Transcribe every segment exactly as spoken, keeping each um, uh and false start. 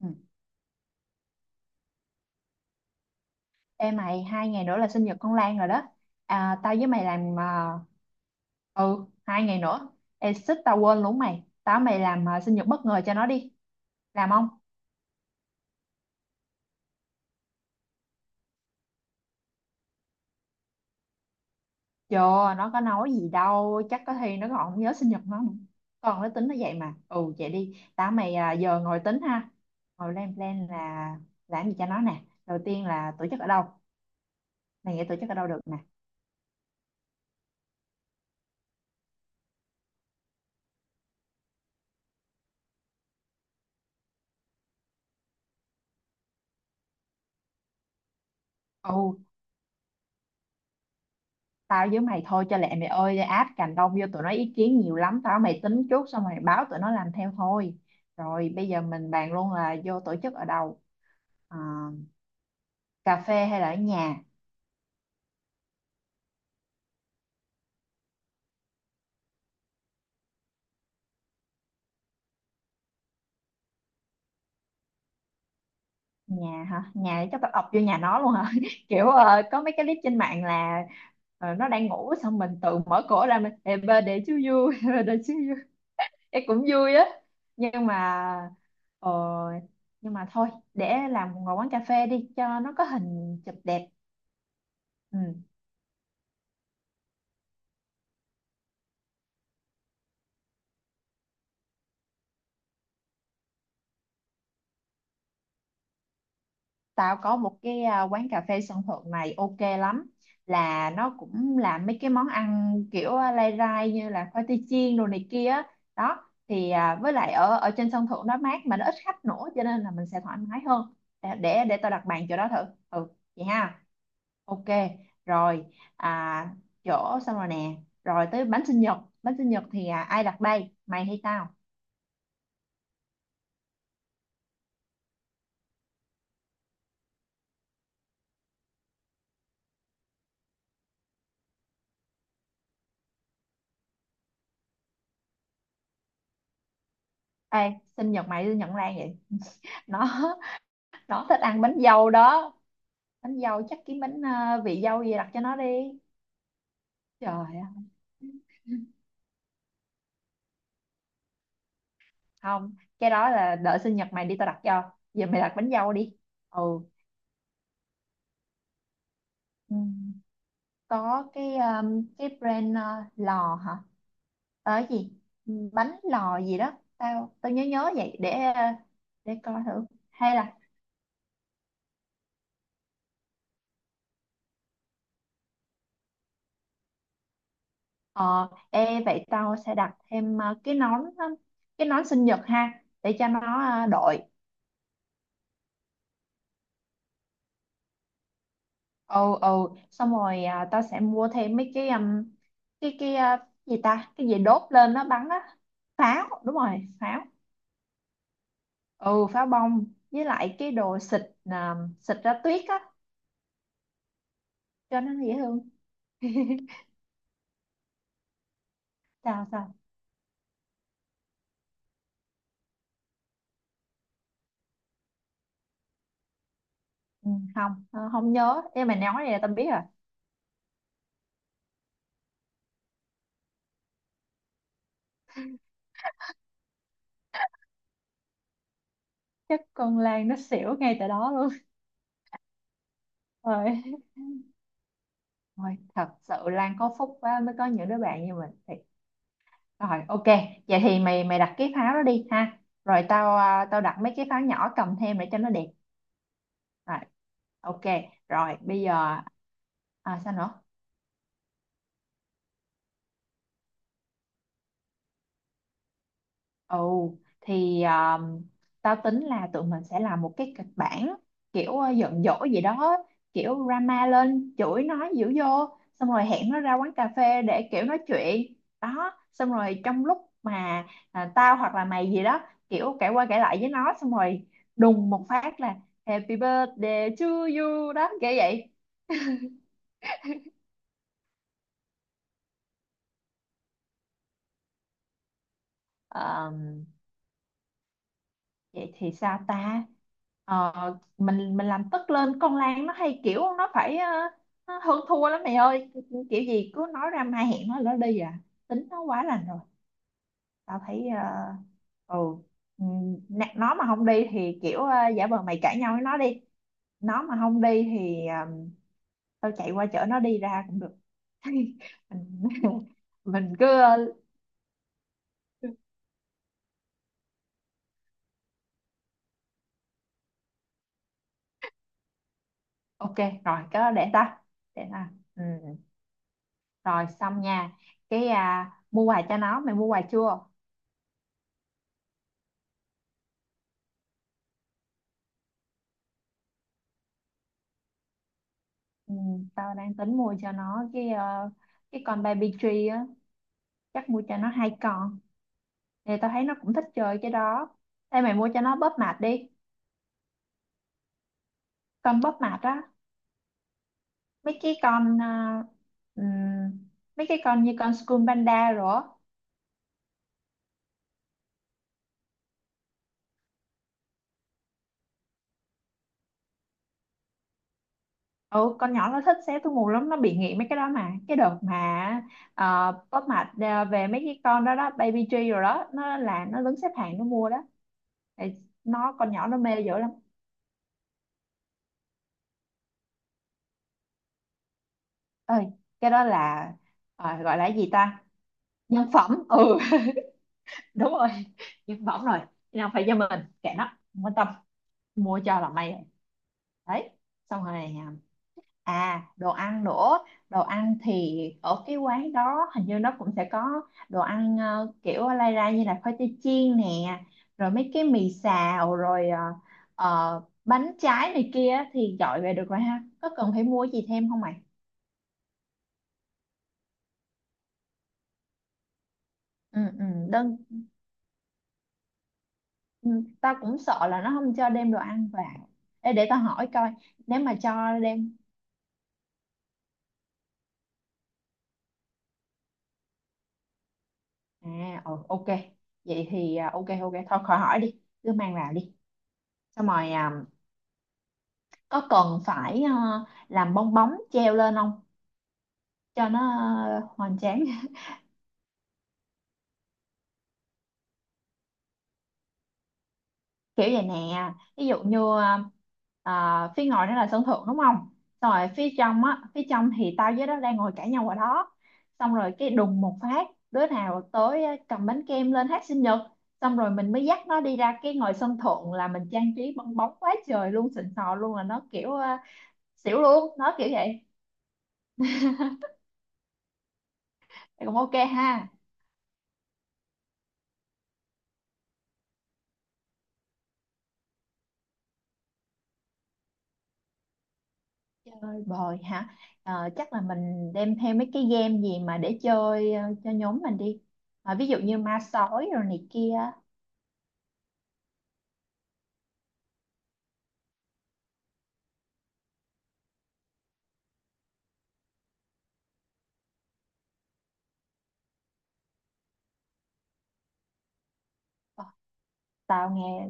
Ừ. Ê mày, hai ngày nữa là sinh nhật con Lan rồi đó à, tao với mày làm à, ừ, hai ngày nữa. Ê xích tao quên luôn mày, tao với mày làm à, sinh nhật bất ngờ cho nó đi. Làm không? Chưa, nó có nói gì đâu, chắc có khi nó còn không nhớ sinh nhật nó nữa. Còn nó tính nó vậy mà. Ừ, vậy đi, tao với mày à, giờ ngồi tính ha. Ngồi lên plan là làm gì cho nó nè. Đầu tiên là tổ chức ở đâu? Mày nghĩ tổ chức ở đâu được nè? Ừ, tao với mày thôi cho lẹ mày ơi, áp cành đông vô tụi nó ý kiến nhiều lắm. Tao mày tính trước xong mày báo tụi nó làm theo thôi. Rồi bây giờ mình bàn luôn là vô tổ chức ở đâu. Ờ, cà phê hay là ở nhà? Nhà hả? Nhà chắc tao ập vô nhà nó luôn hả. Kiểu ờ, có mấy cái clip trên mạng là ờ, nó đang ngủ xong mình tự mở cửa ra mình "Happy birthday to you happy birthday to you, em cũng vui á". Nhưng mà ờ, nhưng mà thôi, để làm ngồi quán cà phê đi cho nó có hình chụp đẹp. Ừ. Tao có một cái à, quán cà phê sân thượng này ok lắm, là nó cũng làm mấy cái món ăn kiểu à, lai rai như là khoai tây chiên đồ này kia á. Đó thì à, với lại ở ở trên sân thượng nó mát mà nó ít khách nữa cho nên là mình sẽ thoải mái hơn. Để để, để tao đặt bàn chỗ đó thử. Ừ, vậy ha. Ok. Rồi à, chỗ xong rồi nè. Rồi tới bánh sinh nhật. Bánh sinh nhật thì à, ai đặt đây, mày hay tao? Ê, sinh nhật mày sinh nhật Lan vậy? nó nó thích ăn bánh dâu đó. Bánh dâu chắc kiếm bánh ờ, vị dâu gì đặt cho nó đi. Trời ơi. Không, cái đó là đợi sinh nhật mày đi tao đặt cho, giờ mày đặt bánh dâu đi. Ừ. Ừ. Có cái um, cái brand ờ, lò hả? Ờ, cái gì bánh lò gì đó, tao tao nhớ nhớ vậy để ờ, để coi thử hay là... Ờ, ê vậy tao sẽ đặt thêm ờ, cái nón ờ, cái nón sinh nhật ha để cho nó ờ, đội. Ừ, ừ, xong rồi à, tao sẽ mua thêm mấy cái um, cái cái à, gì ta, cái gì đốt lên nó bắn á, pháo, đúng rồi, pháo. Ừ, pháo bông. Với lại cái đồ xịt à, xịt ra tuyết á cho nó dễ thương. Sao sao? Ừ, không, ờ, không nhớ nhưng mà nói vậy là tao biết rồi. Chắc con Lan nó xỉu ngay tại đó luôn. Rồi, rồi thật sự Lan có phúc quá mới có những đứa bạn như mình. Rồi ok, vậy thì mày mày đặt cái pháo đó đi ha. Rồi tao à, tao đặt mấy cái pháo nhỏ cầm thêm để cho nó đẹp. Rồi, ok, rồi bây giờ à, sao nữa? Ồ, thì um, tao tính là tụi mình sẽ làm một cái kịch bản kiểu uh, giận dỗi gì đó, kiểu drama lên, chửi nó dữ vô, xong rồi hẹn nó ra quán cà phê để kiểu nói chuyện. Đó, xong rồi trong lúc mà à, tao hoặc là mày gì đó, kiểu kể qua kể lại với nó, xong rồi đùng một phát là Happy birthday to you đó, kiểu vậy. Vậy thì sao ta? Ờ, mình mình làm tức lên, con Lan nó hay kiểu nó phải ờ, nó hơn thua lắm mày ơi. Kiểu gì cứ nói ra mai hẹn nó lỡ đi à. Tính nó quá lành rồi, tao thấy ờ, ừ, ừ, nè, nó mà không đi thì kiểu ờ, giả vờ mày cãi nhau với nó đi. Nó mà không đi thì ờ, tao chạy qua chở nó đi ra cũng được. Mình mình cứ ờ, ok. Rồi cứ để ta để ta Ừ. Rồi xong nha. Cái à, mua quà cho nó, mày mua quà chưa? Ừ, tao đang tính mua cho nó cái ờ, cái con baby tree á, chắc mua cho nó hai con, thì tao thấy nó cũng thích chơi cái đó. Ê mày mua cho nó bóp mạch đi. Con bóp mạch á, mấy cái con à, ừm, mấy cái con như con School Panda rồi á. Ừ, con nhỏ nó thích xé túi mù lắm, nó bị nghiện mấy cái đó mà. Cái đợt mà ờ, bóp mạch ờ, về mấy cái con đó đó Baby G rồi đó, nó là nó đứng xếp hàng nó mua đó. Thì nó con nhỏ nó mê dữ lắm. Ơi, cái đó là ờ, gọi là cái gì ta? Nhân phẩm, ừ. Đúng rồi, nhân phẩm rồi. Nào phải cho mình, kệ nó, không quan tâm, mua cho là may rồi. Đấy, xong rồi à, À, đồ ăn nữa. Đồ ăn thì ở cái quán đó hình như nó cũng sẽ có đồ ăn ờ, kiểu lai ra như là khoai tây chiên nè, rồi mấy cái mì xào, rồi ờ, ờ, bánh trái này kia thì gọi về được rồi ha. Có cần phải mua gì thêm không mày? Ừ, ừ, đơn, ừ, tao cũng sợ là nó không cho đem đồ ăn vào. Ê, để tao hỏi coi, nếu mà cho đem... À, ừ, ok. Vậy thì ờ, ok, ok, thôi khỏi hỏi đi. Cứ mang vào đi. Xong rồi à, có cần phải ờ, làm bong bóng treo lên không cho nó ờ, hoành tráng. Kiểu vậy nè, ví dụ như ờ, ờ, phía ngoài nó là sân thượng đúng không, xong rồi phía trong á, phía trong thì tao với nó đang ngồi cãi nhau ở đó, xong rồi cái đùng một phát đứa nào tới ờ, cầm bánh kem lên hát sinh nhật, xong rồi mình mới dắt nó đi ra cái ngoài sân thượng là mình trang trí bong bóng quá trời luôn, xịn sò luôn, là nó kiểu ờ, xỉu luôn nó kiểu vậy. Thì cũng ok ha. Chơi bời hả? Ờ, chắc là mình đem theo mấy cái game gì mà để chơi ờ, cho nhóm mình đi. Ờ, ví dụ như ma sói rồi này kia. Ờ, tao nghe.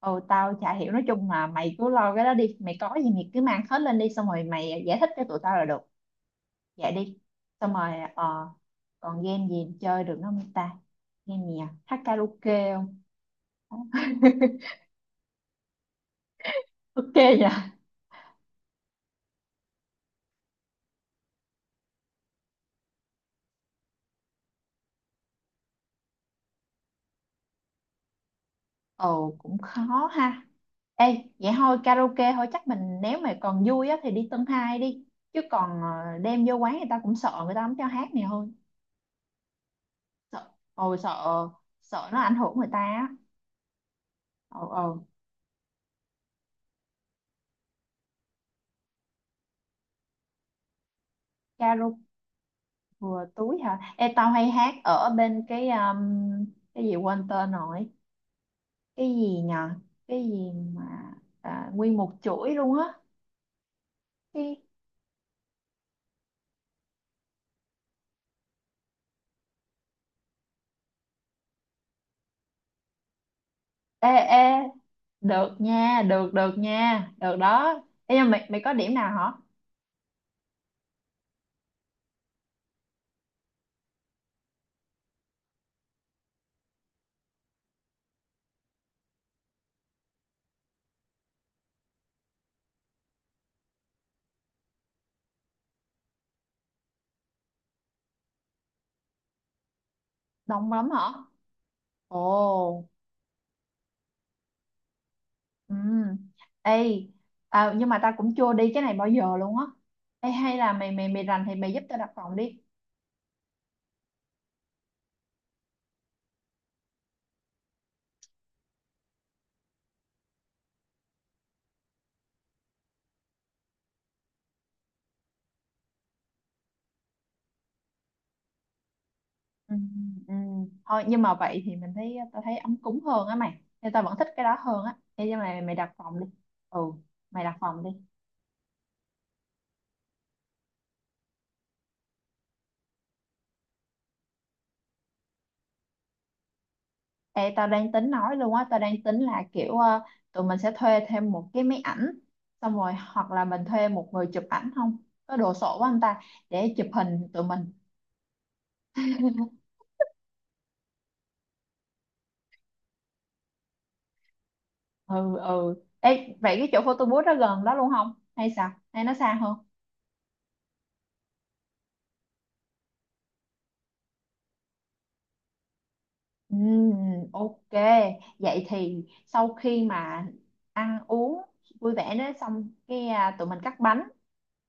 Ừ, tao chả hiểu, nói chung là mày cứ lo cái đó đi, mày có gì mày cứ mang hết lên đi xong rồi mày giải thích cho tụi tao là được. Vậy đi. Xong rồi ờ, còn game gì chơi được nữa không ta? Game gì, à hát karaoke không? Ok nhỉ. Ồ cũng khó ha. Ê, vậy thôi karaoke thôi chắc mình, nếu mà còn vui á thì đi Tân Hai đi. Chứ còn ờ, đem vô quán người ta cũng sợ người ta không cho hát này hơn. Sợ, ồ sợ, sợ nó ảnh hưởng người ta á. Ồ, ồ, karaoke vừa túi hả? Ê tao hay hát ở bên cái um, cái gì quên tên rồi. Cái gì nhờ? Cái gì mà à, nguyên một chuỗi luôn á. Cái... Ê, ê, được nha, được được nha, được đó. Ê, nhưng mà mày, mày có điểm nào hả? Đông lắm hả? Ồ. Ừ. Ê à, nhưng mà tao cũng chưa đi cái này bao giờ luôn á. Ê hay là mày mày mày rành thì mày giúp tao đặt phòng đi. Ừ, ừ, thôi nhưng mà vậy thì mình thấy tao thấy ấm cúng hơn á mày, nên tao vẫn thích cái đó hơn á. Ê nhưng mà mày đặt phòng đi. Ừ, mày đặt phòng đi. Ê tao đang tính nói luôn á, tao đang tính là kiểu ờ, tụi mình sẽ thuê thêm một cái máy ảnh, xong rồi hoặc là mình thuê một người chụp ảnh không, có đồ sộ quá anh ta, để chụp hình tụi mình. Ừ, ừ. Ê, vậy cái chỗ photo booth đó gần đó luôn không hay sao, hay nó xa hơn? Ừm, ok. Vậy thì sau khi mà ăn uống vui vẻ đó xong cái à, tụi mình cắt bánh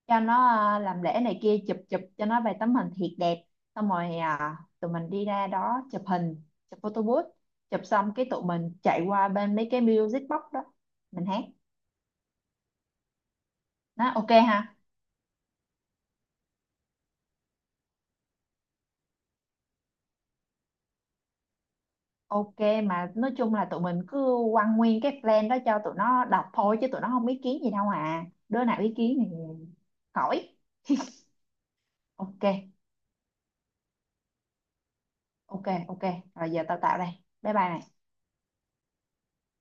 cho nó à, làm lễ này kia, chụp chụp cho nó vài tấm hình thiệt đẹp, xong rồi à, tụi mình đi ra đó chụp hình, chụp photo booth. Chụp xong cái tụi mình chạy qua bên mấy cái music box đó, mình hát. Nó ok ha. Ok, mà nói chung là tụi mình cứ quăng nguyên cái plan đó cho tụi nó đọc thôi chứ tụi nó không ý kiến gì đâu à. Đứa nào ý kiến thì khỏi. Ok, ok, ok. Rồi giờ tao tạo đây. Bye bye này.